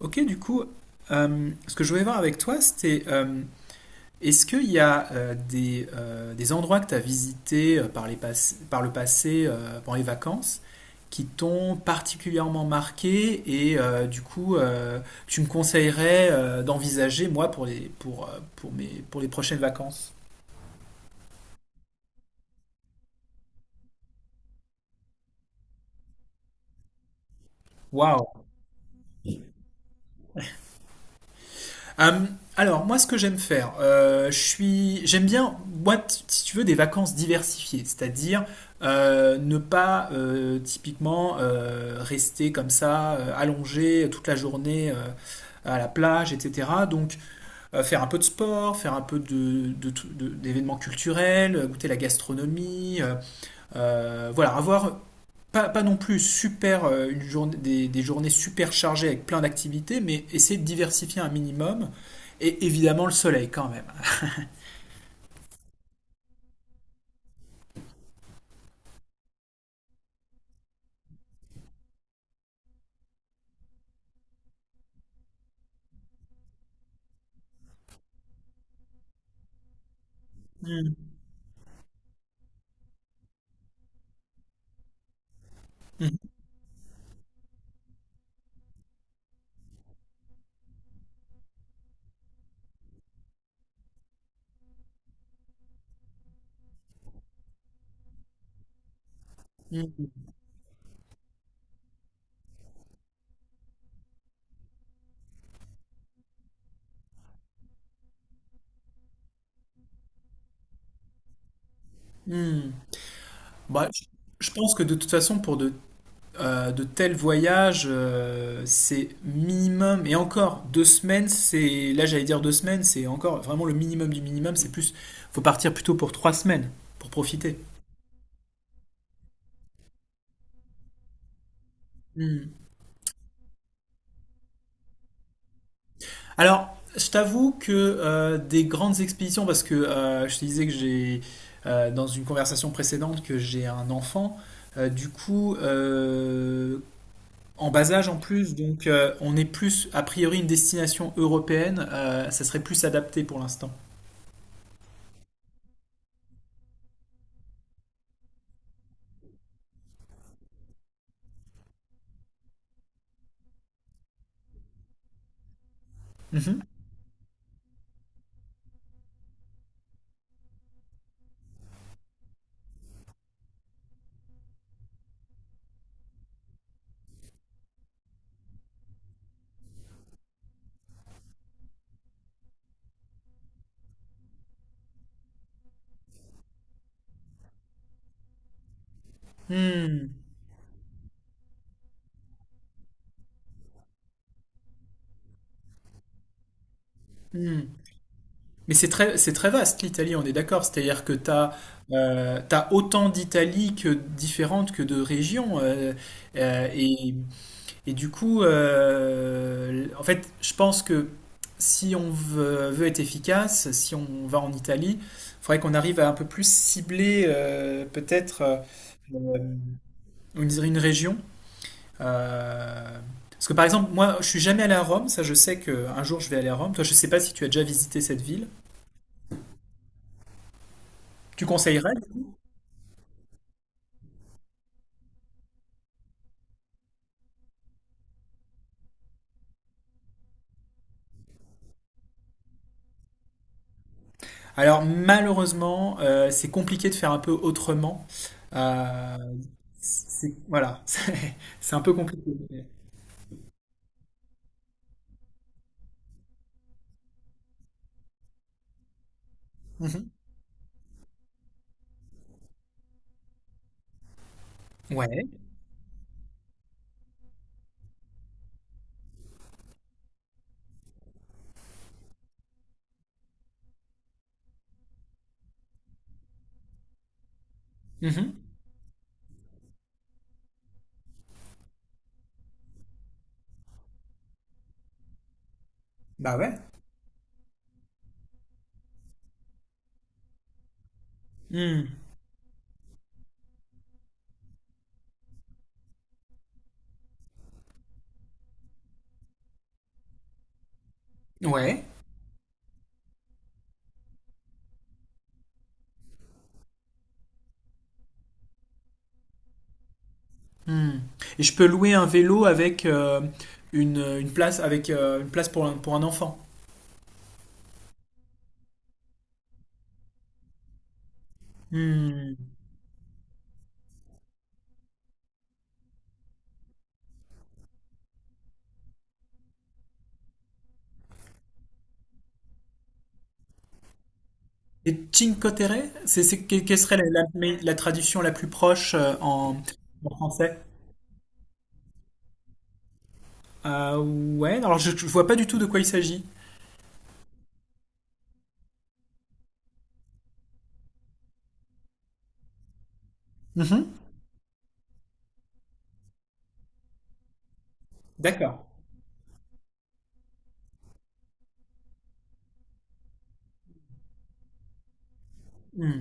Ok, du coup, ce que je voulais voir avec toi, c'était est-ce qu'il y a des endroits que tu as visités par le passé pendant les vacances qui t'ont particulièrement marqué et tu me conseillerais d'envisager moi pour les, pour mes, pour les prochaines vacances? Waouh! Euh, alors, moi, ce que j'aime faire, j'aime bien, moi, si tu veux, des vacances diversifiées, c'est-à-dire ne pas typiquement rester comme ça, allongé toute la journée à la plage, etc. Donc, faire un peu de sport, faire un peu d'événements culturels, goûter la gastronomie, voilà, avoir pas non plus super, euh, des journées super chargées avec plein d'activités, mais essayer de diversifier un minimum. Et évidemment, le soleil quand même. Mm, mm, mm, mm. Bah, je pense que de toute façon, de tels voyages, c'est minimum, et encore, 2 semaines, c'est, là j'allais dire 2 semaines, c'est encore vraiment le minimum du minimum, faut partir plutôt pour 3 semaines, pour profiter. Alors, je t'avoue que des grandes expéditions, parce que je te disais que j'ai, dans une conversation précédente, que j'ai un enfant, euh, du coup, euh, en bas âge en plus, donc on est plus, a priori, une destination européenne, ça serait plus adapté pour l'instant. Mhm. Hmm, hmm. Mais c'est très vaste l'Italie, on est d'accord. C'est-à-dire que tu as, autant d'Italie que différentes que de régions. Euh, et Et du coup, en fait, je pense que si on veut être efficace, si on va en Italie, il faudrait qu'on arrive à un peu plus cibler peut-être on dirait une région. Euh, Parce que par exemple, moi, je suis jamais allé à Rome. Ça, je sais qu'un jour, je vais aller à Rome. Toi, je ne sais pas si tu as déjà visité cette ville. Tu conseillerais? Alors, malheureusement, c'est compliqué de faire un peu autrement. Euh, voilà, c'est un peu compliqué. Mhm. Ouais. Mhm. Bah ouais. Hmm. Ouais. Hmm. Et je peux louer un vélo avec une place avec une place pour un enfant. Hmm. Et Cinque Terre, quelle serait la traduction la plus proche en français? Euh, ouais. Alors je vois pas du tout de quoi il s'agit. Mhm. D'accord. Hmm.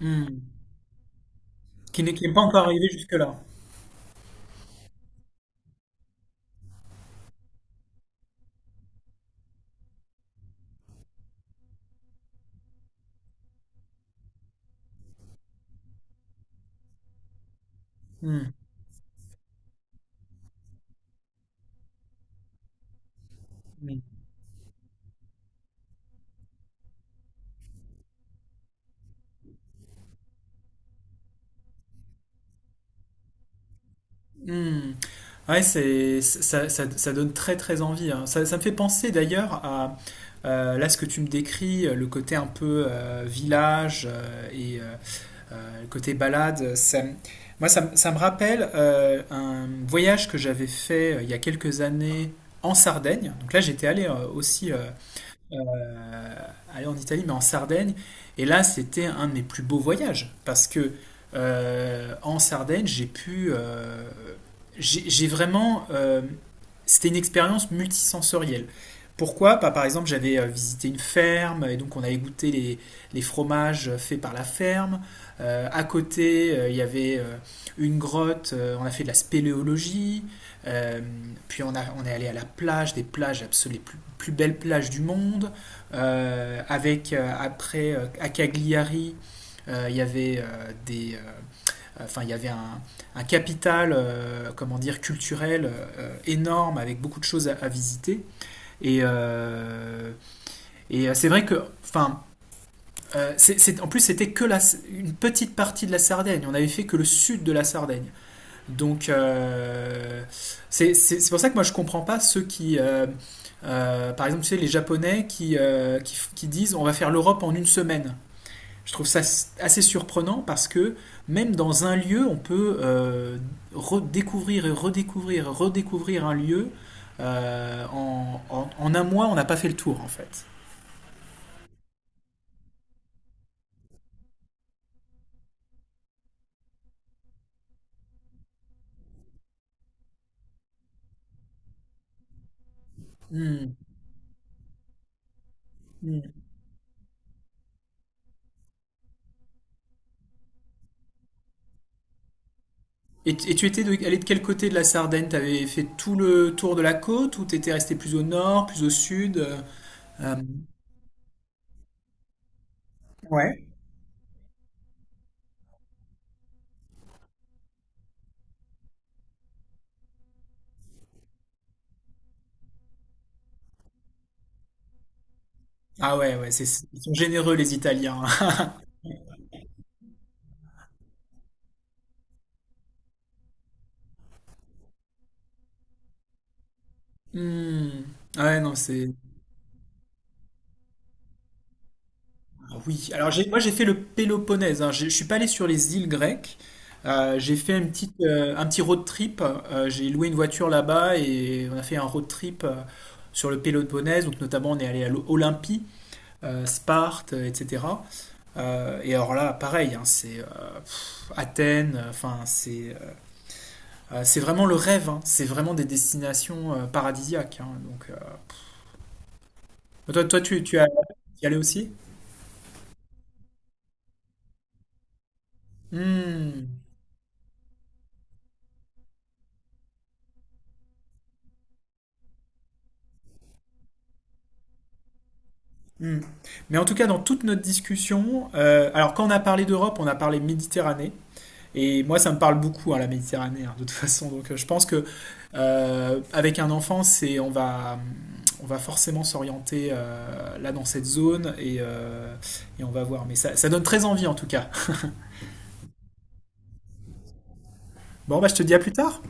Hmm. Qui n'est pas encore arrivé jusque-là. Hmm. Hmm. Ouais, ça donne très très envie, hein. Ça me fait penser d'ailleurs à là ce que tu me décris, le côté un peu village le côté balade. Ça, me- moi, ça, me Ça me rappelle un voyage que j'avais fait il y a quelques années en Sardaigne. Donc là, j'étais allé aussi euh, aller en Italie, mais en Sardaigne. Et là, c'était un de mes plus beaux voyages parce que en Sardaigne, j'ai pu, j'ai vraiment, c'était une expérience multisensorielle. Pourquoi? Bah, par exemple, j'avais visité une ferme et donc on allait goûter les fromages faits par la ferme. À côté, il y avait une grotte, on a fait de la spéléologie. Euh, puis on est allé à la plage, des plages absolument plus belles plages du monde. Avec après À Cagliari, il y avait des, enfin il y avait un capital, comment dire, culturel énorme avec beaucoup de choses à visiter. Et, euh, et c'est vrai que, enfin, en plus c'était une petite partie de la Sardaigne. On avait fait que le sud de la Sardaigne. Donc, c'est pour ça que moi je comprends pas ceux qui, par exemple, tu sais, les Japonais qui disent on va faire l'Europe en une semaine. Je trouve ça assez surprenant parce que même dans un lieu, on peut redécouvrir un lieu. En un mois, on n'a pas fait le tour en fait. Hmm. Et et tu étais allé de quel côté de la Sardaigne? T'avais fait tout le tour de la côte ou t'étais resté plus au nord, plus au sud? Euh, Ouais. Ah ouais, ouais, ils sont généreux les Italiens. Hmm. Ouais, non, ah oui, alors moi j'ai fait le Péloponnèse, hein. Je suis pas allé sur les îles grecques. J'ai fait une petite, un petit road trip. J'ai loué une voiture là-bas et on a fait un road trip sur le Péloponnèse, donc notamment on est allé à l'Olympie, Sparte, etc. Et alors là, pareil, hein, Athènes, c'est vraiment le rêve, hein. C'est vraiment des destinations paradisiaques, hein. Bah, Toi, toi, tu as, tu y allais aussi? Hmm, hmm. Mais en tout cas, dans toute notre discussion, alors quand on a parlé d'Europe, on a parlé Méditerranée. Et moi, ça me parle beaucoup, hein, la Méditerranée, hein, de toute façon. Donc, je pense que avec un enfant, c'est on va forcément s'orienter là dans cette zone et on va voir. Mais ça donne très envie en tout cas. Bon, bah, je te dis à plus tard.